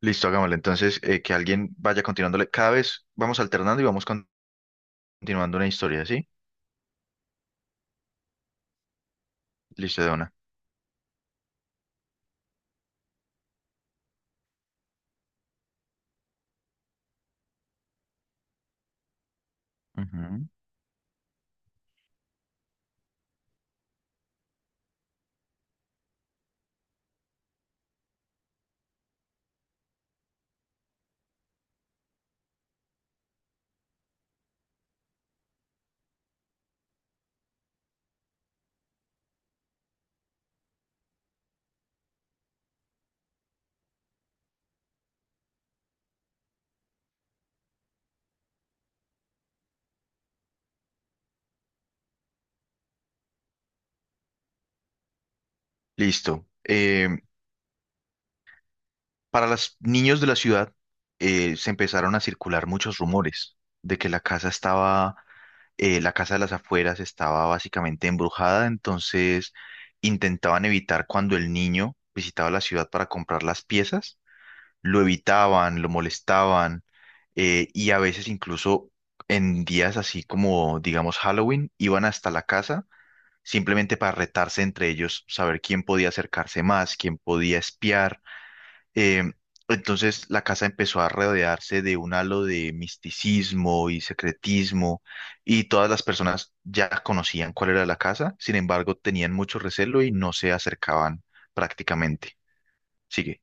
Listo, hagámosle. Entonces, que alguien vaya continuándole. Cada vez vamos alternando y continuando una historia, ¿sí? Listo, de una. Ujú. Listo. Para los niños de la ciudad, se empezaron a circular muchos rumores de que la casa de las afueras estaba básicamente embrujada, entonces intentaban evitar cuando el niño visitaba la ciudad para comprar las piezas, lo evitaban, lo molestaban, y a veces incluso en días así como, digamos, Halloween, iban hasta la casa simplemente para retarse entre ellos, saber quién podía acercarse más, quién podía espiar. Eh, entonces la casa empezó a rodearse de un halo de misticismo y secretismo, y todas las personas ya conocían cuál era la casa, sin embargo, tenían mucho recelo y no se acercaban prácticamente. Sigue.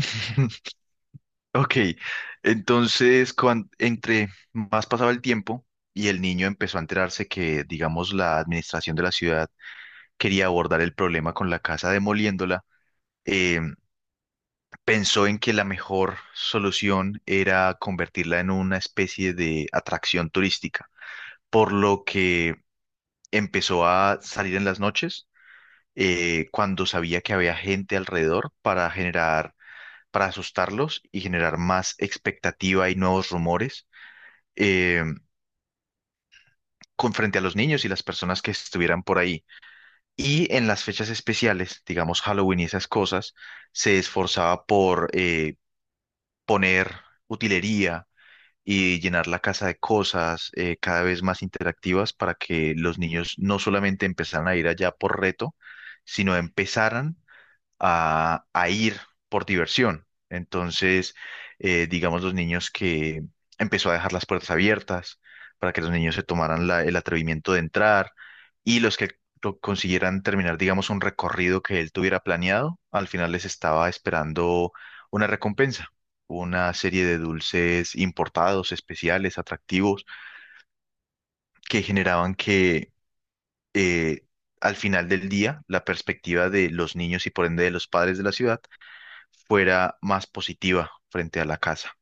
Ok, entonces entre más pasaba el tiempo y el niño empezó a enterarse que, digamos, la administración de la ciudad quería abordar el problema con la casa demoliéndola, eh, pensó en que la mejor solución era convertirla en una especie de atracción turística, por lo que empezó a salir en las noches, cuando sabía que había gente alrededor, para asustarlos y generar más expectativa y nuevos rumores eh, con frente a los niños y las personas que estuvieran por ahí. Y en las fechas especiales, digamos Halloween y esas cosas, se esforzaba por poner utilería y llenar la casa de cosas, cada vez más interactivas, para que los niños no solamente empezaran a ir allá por reto, sino empezaran a ir por diversión. Entonces, digamos, los niños que empezó a dejar las puertas abiertas para que los niños se tomaran el atrevimiento de entrar, y los que lo consiguieran terminar, digamos, un recorrido que él tuviera planeado, al final les estaba esperando una recompensa, una serie de dulces importados, especiales, atractivos, que generaban que eh, al final del día la perspectiva de los niños y por ende de los padres de la ciudad fuera más positiva frente a la casa.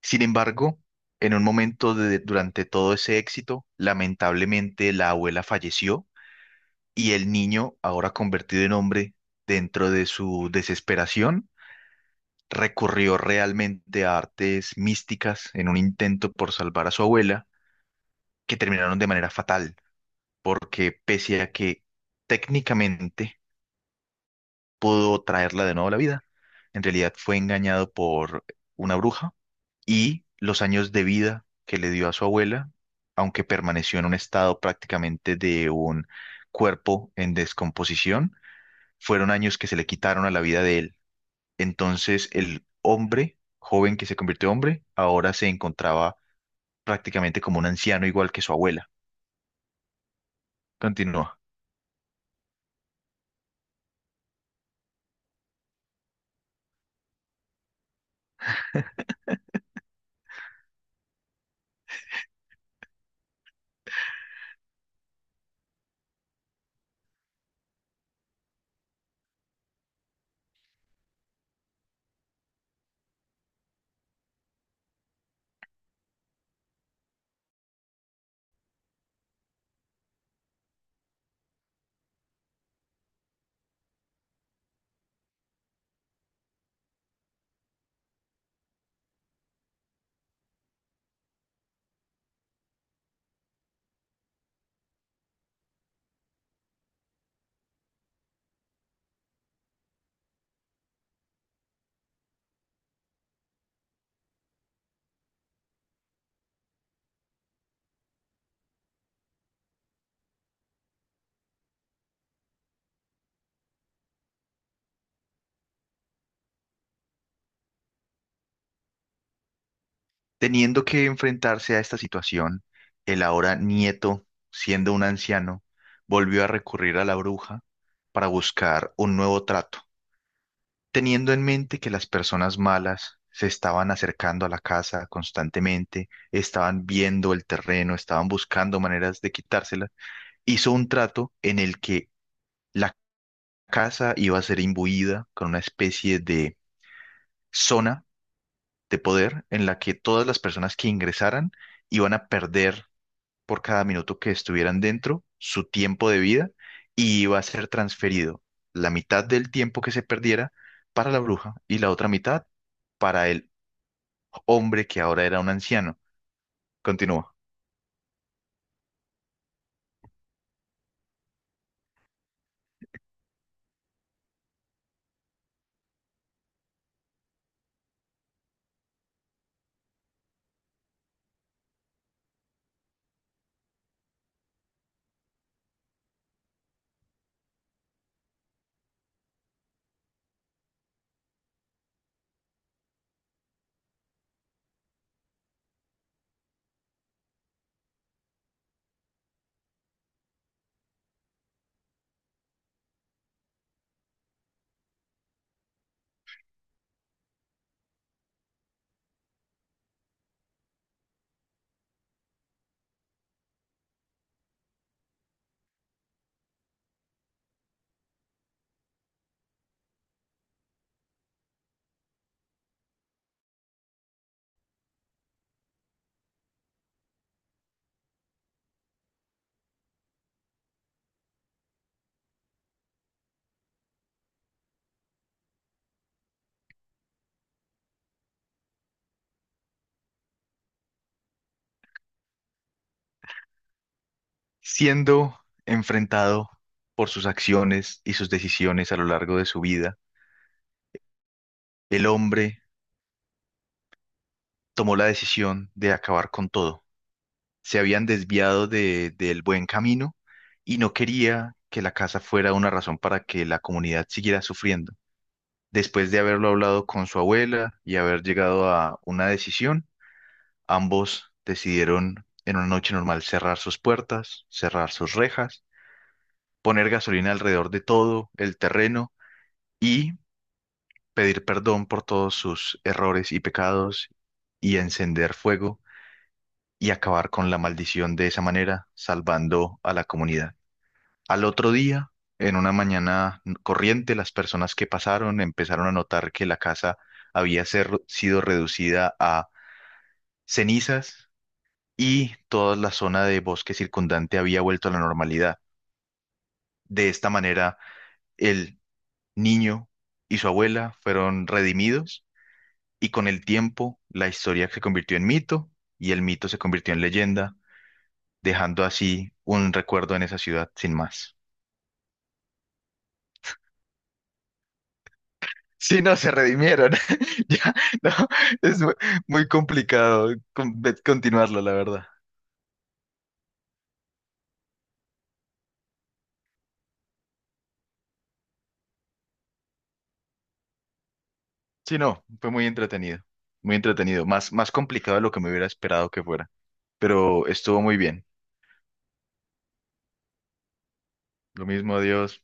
Sin embargo, en un durante todo ese éxito, lamentablemente la abuela falleció y el niño, ahora convertido en hombre, dentro de su desesperación, recurrió realmente a artes místicas en un intento por salvar a su abuela, que terminaron de manera fatal, porque pese a que técnicamente pudo traerla de nuevo a la vida. En realidad fue engañado por una bruja y los años de vida que le dio a su abuela, aunque permaneció en un estado prácticamente de un cuerpo en descomposición, fueron años que se le quitaron a la vida de él. Entonces el hombre, joven que se convirtió en hombre, ahora se encontraba prácticamente como un anciano igual que su abuela. Continúa. Teniendo que enfrentarse a esta situación, el ahora nieto, siendo un anciano, volvió a recurrir a la bruja para buscar un nuevo trato, teniendo en mente que las personas malas se estaban acercando a la casa constantemente, estaban viendo el terreno, estaban buscando maneras de quitársela, hizo un trato en el que la casa iba a ser imbuida con una especie de zona de poder en la que todas las personas que ingresaran iban a perder, por cada minuto que estuvieran dentro, su tiempo de vida, y iba a ser transferido la mitad del tiempo que se perdiera para la bruja y la otra mitad para el hombre que ahora era un anciano. Continúa. Siendo enfrentado por sus acciones y sus decisiones a lo largo de su vida, el hombre tomó la decisión de acabar con todo. Se habían desviado del buen camino y no quería que la casa fuera una razón para que la comunidad siguiera sufriendo. Después de haberlo hablado con su abuela y haber llegado a una decisión, ambos decidieron en una noche normal cerrar sus puertas, cerrar sus rejas, poner gasolina alrededor de todo el terreno y pedir perdón por todos sus errores y pecados y encender fuego y acabar con la maldición de esa manera, salvando a la comunidad. Al otro día, en una mañana corriente, las personas que pasaron empezaron a notar que la casa había sido reducida a cenizas y toda la zona de bosque circundante había vuelto a la normalidad. De esta manera, el niño y su abuela fueron redimidos, y con el tiempo la historia se convirtió en mito y el mito se convirtió en leyenda, dejando así un recuerdo en esa ciudad sin más. Sí, no, se redimieron. Ya, no, es muy complicado continuarlo, la verdad. Sí, no, fue muy entretenido. Muy entretenido. Más, más complicado de lo que me hubiera esperado que fuera. Pero estuvo muy bien. Lo mismo, adiós.